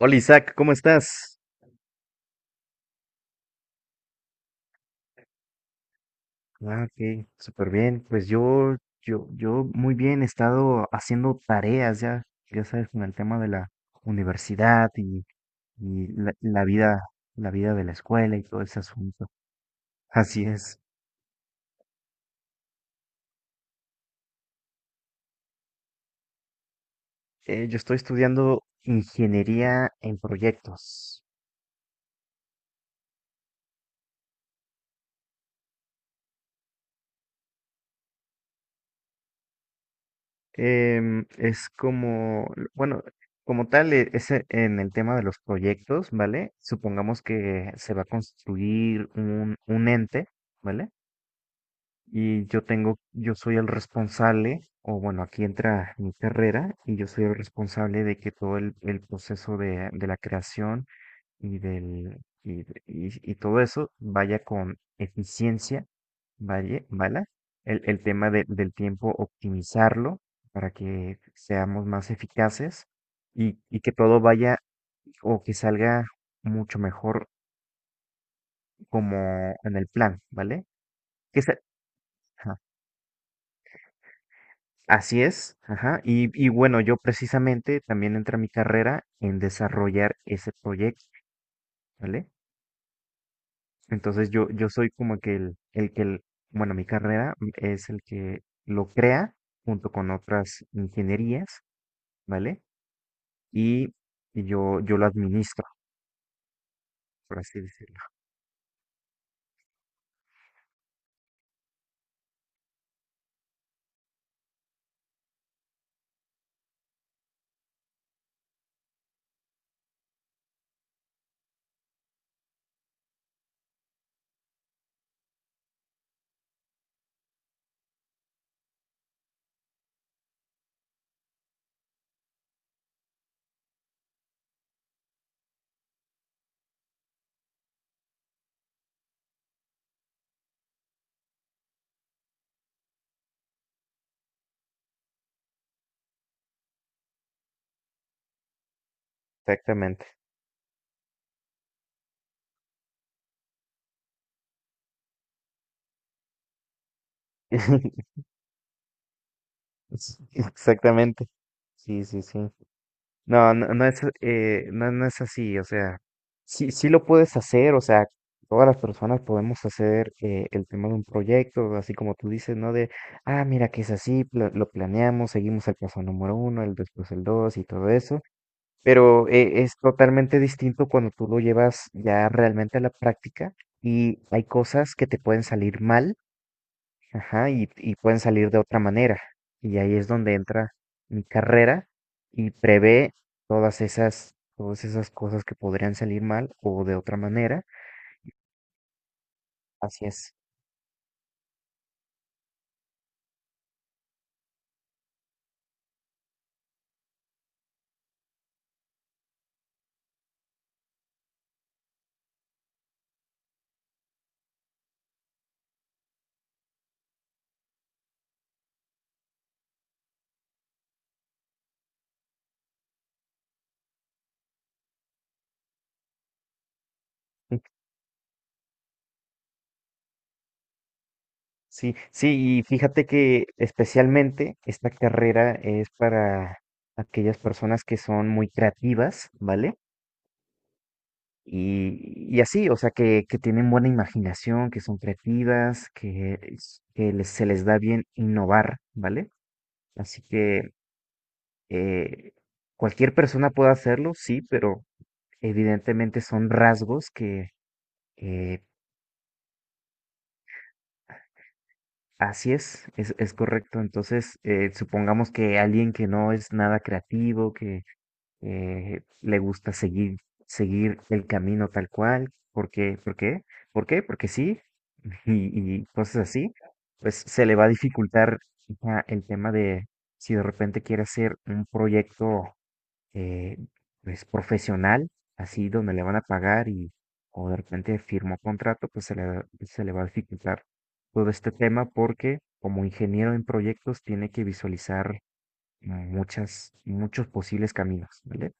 Hola Isaac, ¿cómo estás? Ah, ok, súper bien. Pues yo muy bien, he estado haciendo tareas ya, ya sabes, con el tema de la universidad y la vida, la vida de la escuela y todo ese asunto. Así es. Yo estoy estudiando ingeniería en proyectos. Es como, bueno, como tal, en el tema de los proyectos, ¿vale? Supongamos que se va a construir un ente, ¿vale? Y yo tengo, yo soy el responsable, o bueno, aquí entra mi carrera y yo soy el responsable de que todo el proceso de la creación y del y todo eso vaya con eficiencia, vaya, ¿vale? El tema del tiempo, optimizarlo para que seamos más eficaces y que todo vaya o que salga mucho mejor como en el plan, ¿vale? Que sa- ajá. Así es, ajá. Y bueno, yo precisamente también entré a mi carrera en desarrollar ese proyecto, ¿vale? Entonces yo soy como que bueno, mi carrera es el que lo crea junto con otras ingenierías, ¿vale? Y, yo lo administro, por así decirlo. Exactamente. Exactamente. Sí, sí, sí. No, no, no es, no, no es así, o sea, sí, sí lo puedes hacer, o sea, todas las personas podemos hacer el tema de un proyecto, así como tú dices, ¿no? De, ah, mira que es así, lo planeamos, seguimos el paso número uno, el después el dos y todo eso, pero es totalmente distinto cuando tú lo llevas ya realmente a la práctica y hay cosas que te pueden salir mal. Ajá, y pueden salir de otra manera. Y ahí es donde entra mi carrera y prevé todas esas cosas que podrían salir mal o de otra manera. Así es. Sí, sí, y fíjate que especialmente esta carrera es para aquellas personas que son muy creativas, ¿vale? Y así, o sea, que tienen buena imaginación, que son creativas, que, se les da bien innovar, ¿vale? Así que Eh, cualquier persona puede hacerlo, sí, pero evidentemente son rasgos que eh, así es correcto. Entonces, supongamos que alguien que no es nada creativo, que le gusta seguir, seguir el camino tal cual, porque, ¿por qué? ¿Por qué? Porque sí, y cosas así, pues se le va a dificultar ya el tema de si de repente quiere hacer un proyecto eh, pues profesional, así donde le van a pagar y o de repente firmó contrato, pues se le va a dificultar todo este tema porque como ingeniero en proyectos tiene que visualizar muchos posibles caminos, ¿vale?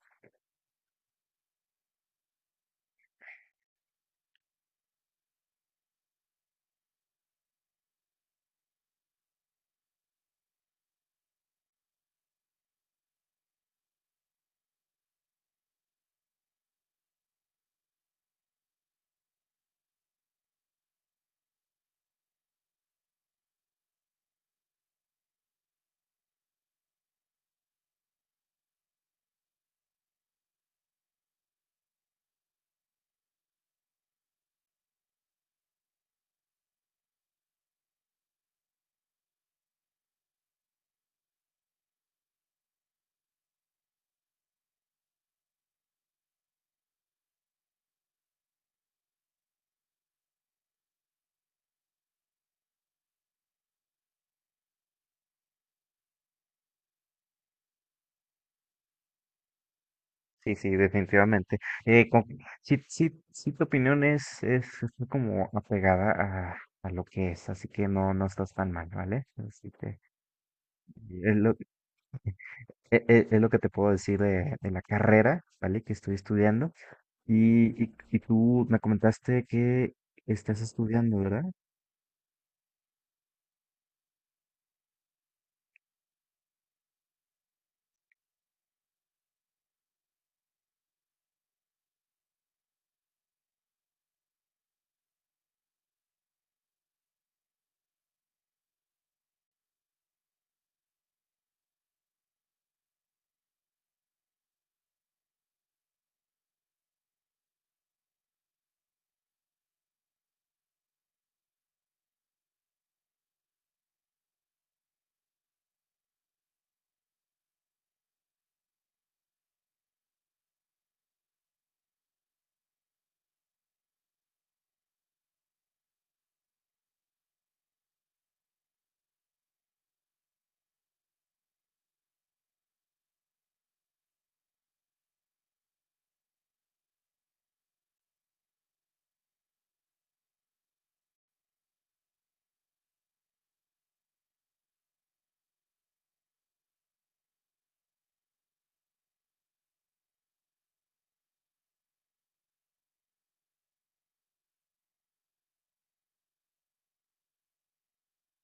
Sí, sí, definitivamente. Eh, con- sí, sí, sí, tu opinión es como apegada a, a lo que es, así que no, no estás tan mal, ¿vale? Así que, eh, lo- Es lo que te puedo decir de la carrera, ¿vale? Que estoy estudiando. Y, y tú me comentaste que estás estudiando, ¿verdad?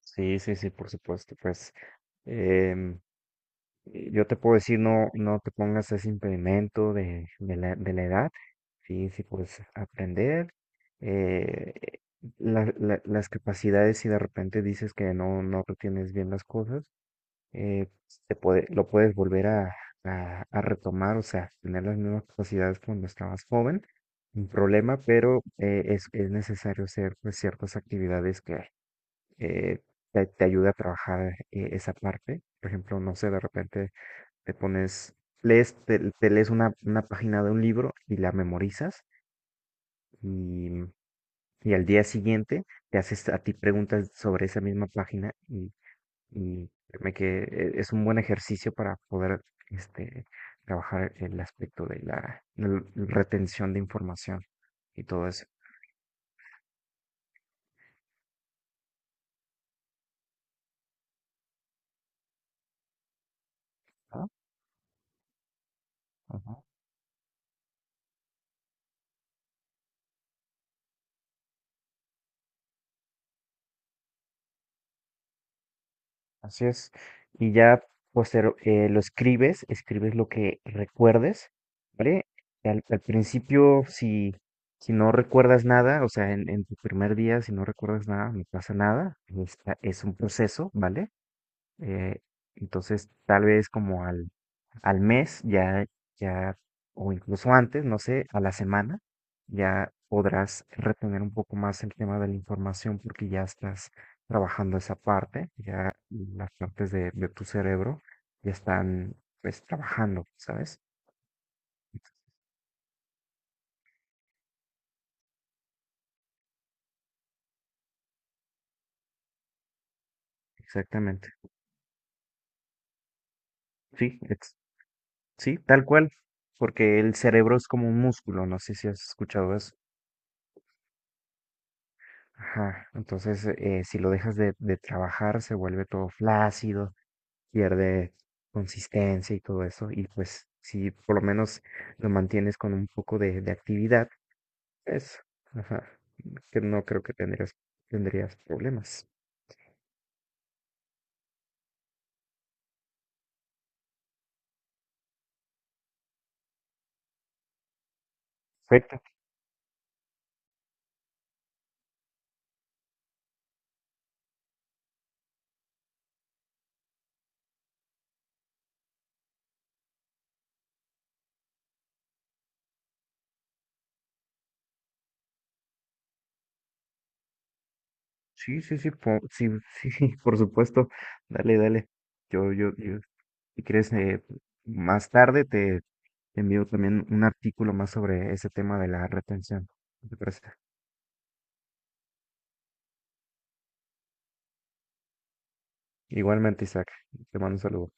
Sí, sí, sí, por supuesto. Pues em, yo te puedo decir, no, no te pongas ese impedimento de la edad. Sí, sí, puedes aprender. eh, las capacidades, si de repente dices que no, no retienes bien las cosas, se puede, lo puedes volver a, a retomar, o sea, tener las mismas capacidades cuando estabas joven, sin problema, pero es necesario hacer pues, ciertas actividades que eh, te, te ayude a trabajar esa parte. Por ejemplo, no sé, de repente te pones, lees, te lees una página de un libro y la memorizas y, y al día siguiente te haces a ti preguntas sobre esa misma página y créeme que es un buen ejercicio para poder este, trabajar el aspecto de la retención de información y todo eso. Ajá, ajá, así es. Y ya posterior, lo escribes, escribes lo que recuerdes, ¿vale? Al principio, si, si no recuerdas nada, o sea, en tu primer día, si no recuerdas nada, no pasa nada. Es un proceso, ¿vale? Eh, entonces, tal vez como al mes, ya, ya, o incluso antes, no sé, a la semana, ya podrás retener un poco más el tema de la información porque ya estás trabajando esa parte, ya las partes de tu cerebro ya están pues trabajando, ¿sabes? Exactamente. Sí, ex- sí, tal cual, porque el cerebro es como un músculo, no sé si has escuchado eso. Ajá, entonces si lo dejas de trabajar se vuelve todo flácido, pierde consistencia y todo eso. Y pues si por lo menos lo mantienes con un poco de actividad, pues, ajá, que no creo que tendrías problemas. Perfecto. Sí, sí, sí, sí, sí, sí, por supuesto. Dale, dale. Yo, si quieres, más tarde te envío también un artículo más sobre ese tema de la retención. ¿Qué te parece? Igualmente, Isaac, te mando un saludo.